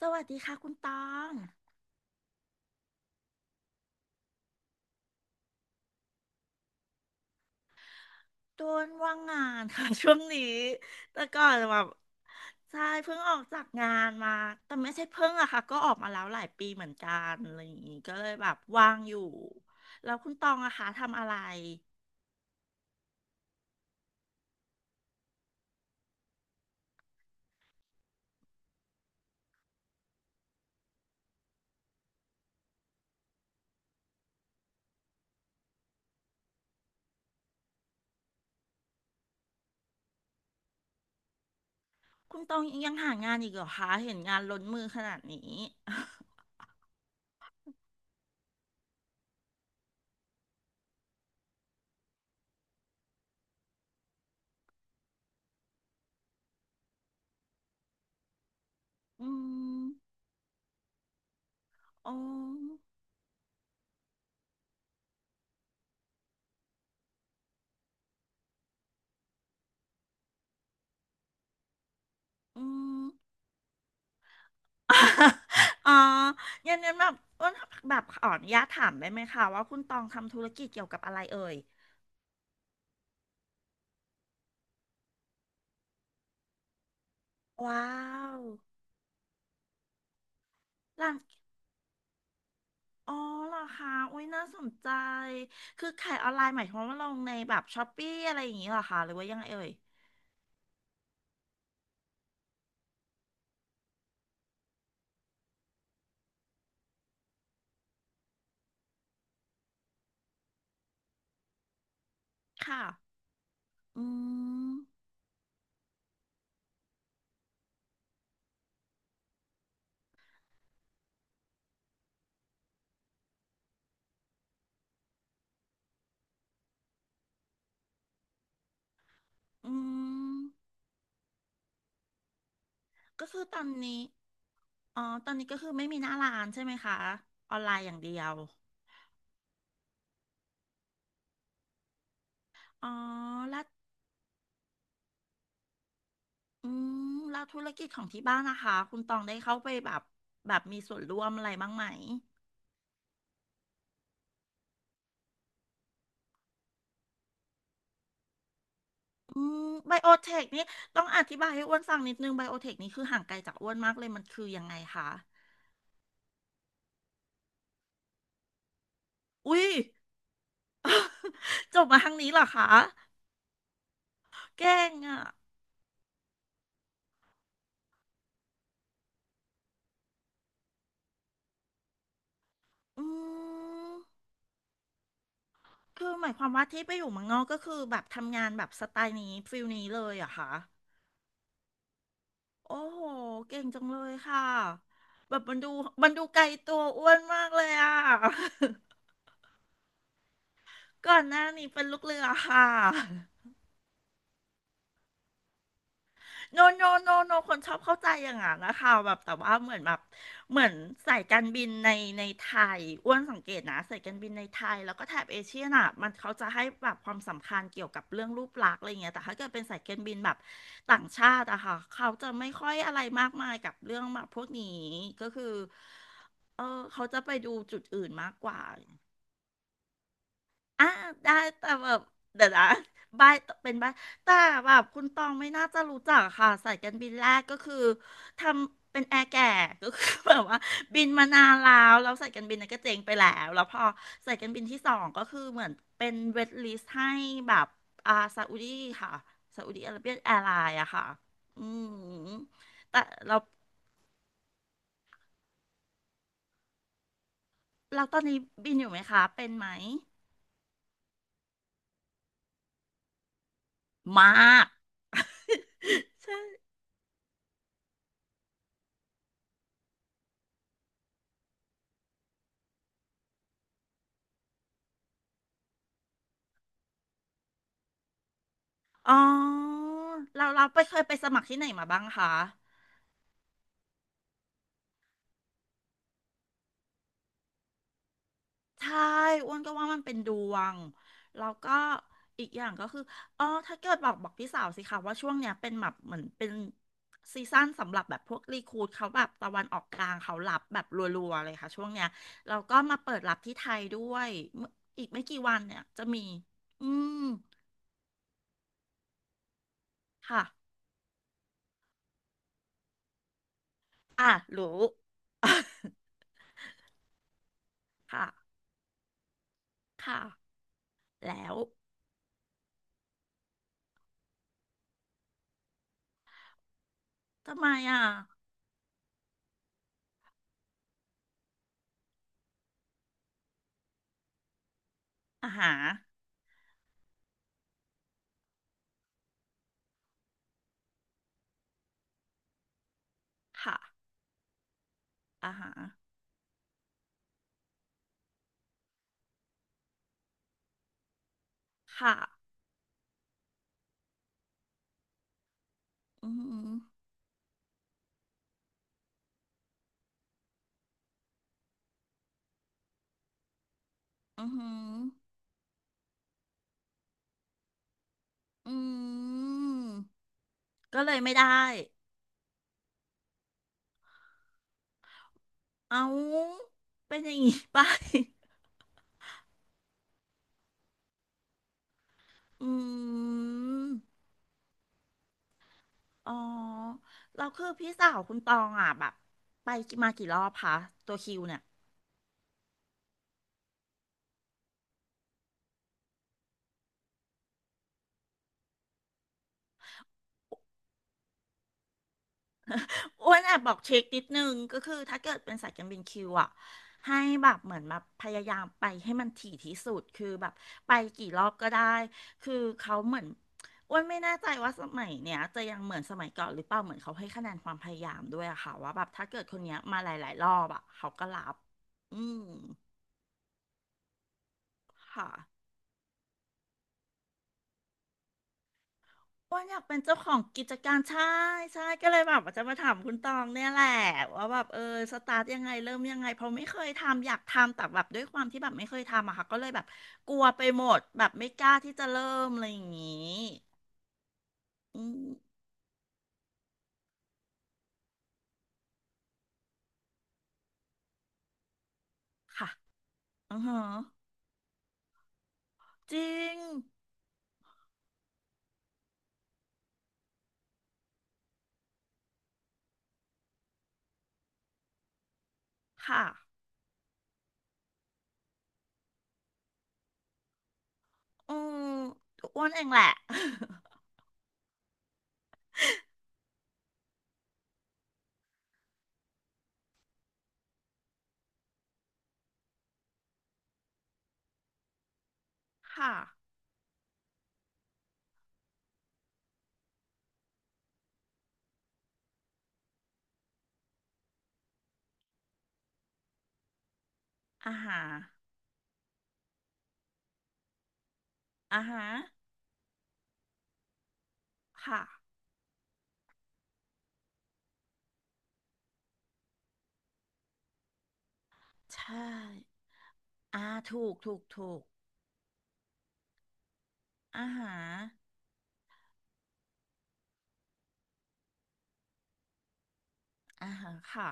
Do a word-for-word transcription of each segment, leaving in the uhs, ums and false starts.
สวัสดีค่ะคุณตองโดนว่างงานค่ะ ช่วงนี้แต่ก่อนแบบใช่เพิ่งออกจากงานมา แต่ไม่ใช่เพิ่งอะค่ะก็ออกมาแล้วหลายปีเหมือนกันอะไรอย่างงี้ก็เลยแบบว่างอยู่แล้วคุณตองอะคะทำอะไรคุณตองยังหางานอีกเหรอคะเห็นงานล้นมือขนาดนี้ อืมอ๋ออืม อ๋องั้นงั้นแบบอ้วนแบบขออนุญาตถามได้ไหมคะว่าคุณตองทำธุรกิจเกี่ยวกับอะไรเอ่ย ว้าวร้านอ๋อเหรอคะอุ้ยน่าสนใจ คือขายออนไลน์หมายความว่าลงในแบบช้อปปี้อะไรอย่างนี้เหรอคะหรือว่ายังไงเอ่ยค่ะ อืม อืม ก็คือตอนนี้ อ๋อตอนนี้ก็คือไม่มีหน้าร้านใช่ไหมคะ ออนไลน์อย่างเดียว อ๋อ แล้วอืมแล้วธุรกิจของที่บ้านนะคะ คุณตองได้เข้าไปแบบ แบบมีส่วนร่วมอะไรบ้างไหม อืมไบโอเทคนี่ต้องอธิบายให้อ้วนฟังนิดนึงไบโอเทคนี่คือห่างไกลจากอ้วนมากเลยมันคือยังไงคะอุ้ยจบมาทางนี้เหรอคะเก่งอ่ะอืมคือหมายความว่าที่ไปอยู่เมืองนอกก็คือแบบทำงานแบบสไตล์นี้ฟิลนี้เลยเหรอะคะโอ้โหเก่งจังเลยค่ะแบบมันดูมันดูไกลตัวอ้วนมากเลยอะ ก่อนหน้านี้เป็นลูกเรือค่ะ โนโนโนโนคนชอบเข้าใจอย่างนั้นนะคะแบบแต่ว่าเหมือนแบบเหมือนสายการบินในในไทยอ้วนสังเกตนะสายการบินในไทยแล้วก็แถบเอเชียน่ะมันเขาจะให้แบบความสำคัญเกี่ยวกับเรื่องรูปลักษณ์อะไรเงี้ยแต่ถ้าเกิดเป็นสายการบินแบบต่างชาติอะค่ะเขาจะไม่ค่อยอะไรมากมายกับเรื่องแบบพวกนี้ก็คือเออเขาจะไปดูจุดอื่นมากกว่า อ่ะได้แต่แบบเดี๋ยวนะบ้ายเป็นบ้ายแต่แบบคุณตองไม่น่าจะรู้จักค่ะสายการบินแรกก็คือทำเป็นแอร์แก่ก็คือแบบว่าบินมานานแล้วแล้วสายการบินนั้นก็เจ๊งไปแล้วแล้วพอสายการบินที่สองก็คือเหมือนเป็นเวทลิสต์ให้แบบอ่าซาอุดีค่ะซาอุดีอาระเบียแอร์ไลน์อะค่ะอืมแต่เราเราตอนนี้บินอยู่ไหมคะเป็นไหมมาก อ๋อเราเราไปเคยไปสมัครที่ไหนมาบ้างคะใช่อ้วนก็ว่ามันเป็นดวงแล้วก็อีกอย่างก็คืออ๋อถ้าเกิดบอกบอกพี่สาวสิคะว่าช่วงเนี้ยเป็นแบบเหมือนเป็นซีซั่นสำหรับแบบพวกรีครูทเขาแบบตะวันออกกลางเขารับแบบรัวๆเลยค่ะช่วงเนี้ยแล้วก็มาเปิดรับที่ไทยด้วยเมื่ออีกไม่กี่วันเนี่ยจะมีอืมค่ะอ่ะรู้ ค่ะค่ะแล้วทำไมอ่ะอาหารค่ะ อ่าฮะค่ะ อือหืออือหืออืม ก็เลยไม่ได้ เอาเป็นอย่างงี้ไป อืม อ๋อ เราคือพี่สาวคุณตองอ่ะแบบไปมากี่รอบคะตัวคิวเนี่ย อ้วนแอบบอกเช็คนิดนึงก็คือถ้าเกิดเป็นสายการบินคิวอ่ะให้แบบเหมือนแบบพยายามไปให้มันถี่ที่สุดคือแบบไปกี่รอบก็ได้คือเขาเหมือนอ้วนไม่แน่ใจว่าสมัยเนี้ยจะยังเหมือนสมัยก่อนหรือเปล่าเหมือนเขาให้คะแนนความพยายามด้วยอะค่ะว่าแบบถ้าเกิดคนเนี้ยมาหลายๆรอบอะเขาก็รับอืมค่ะ ว่าอยากเป็นเจ้าของกิจการใช่ใช่ก็เลยแบบว่าจะมาถามคุณตองเนี่ยแหละว่าแบบเออสตาร์ทยังไงเริ่มยังไงเพราะไม่เคยทำอยากทำแต่แบบด้วยความที่แบบไม่เคยทำอะค่ะก็เลยแบบกลัวไปหมดแบบไม่กล้าที่จะเริ่มอะไรอย่างงี้อืมค่ะอือฮะจริงค่ะอืมอ้วนเองแหละ ค่ะอาหารอาหารค่ะใช่อ่าถูกถูกถูกอาหารอาหารค่ะ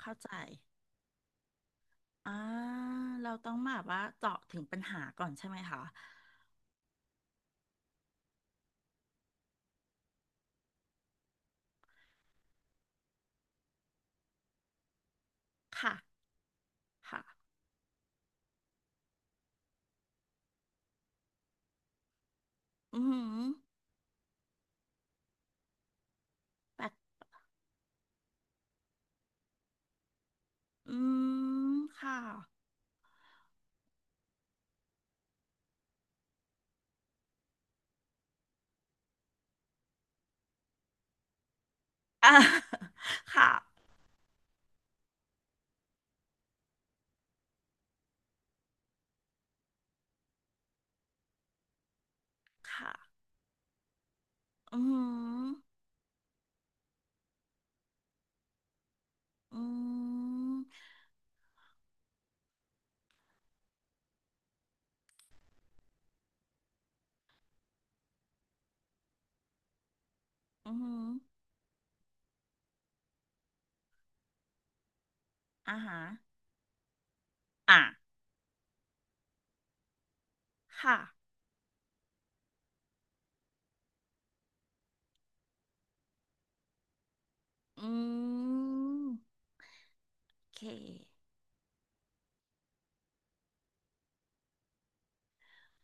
เข้าใจ อ่า เราต้องแบบว่าเจาะถึงปัญหาก่อนใช่ไหมคะ ค่ะ ค่ะ อือหือแบบ อืม ค่ะ อ่า ค่ะ ค่ะ อืมอหืออืม อืม อ่าฮะอ่ะค่ะ อืมโอเค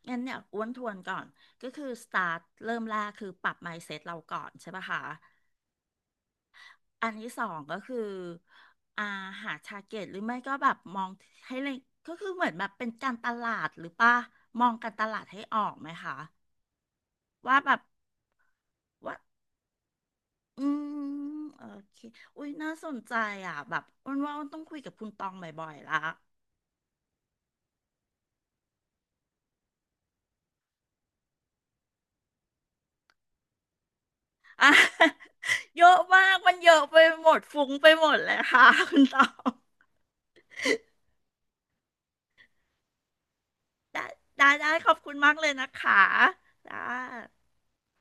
งั้นเนี่ยอ้วนทวนก่อน ก็คือ start เริ่มแรกคือปรับ mindset เราก่อนใช่ปะคะ อันที่สองก็คืออ่าหาทาร์เก็ตหรือไม่ก็แบบมองให้เลยก็คือเหมือนแบบเป็นการตลาดหรือป่ะมองการตลาดให้ออกไหมคะว่าแบบว่าอืมโอเคอุ้ยน่าสนใจอ่ะแบบอ้วนว่าอ้วนต้องคุยกับคุณตองบ่อยๆละ อ่ะ เยอะมากมันเยอะไปหมดฟุ้งไปหมดเลยค่ะคุณตองได้ได้ได้ขอบคุณมากเลยนะคะได้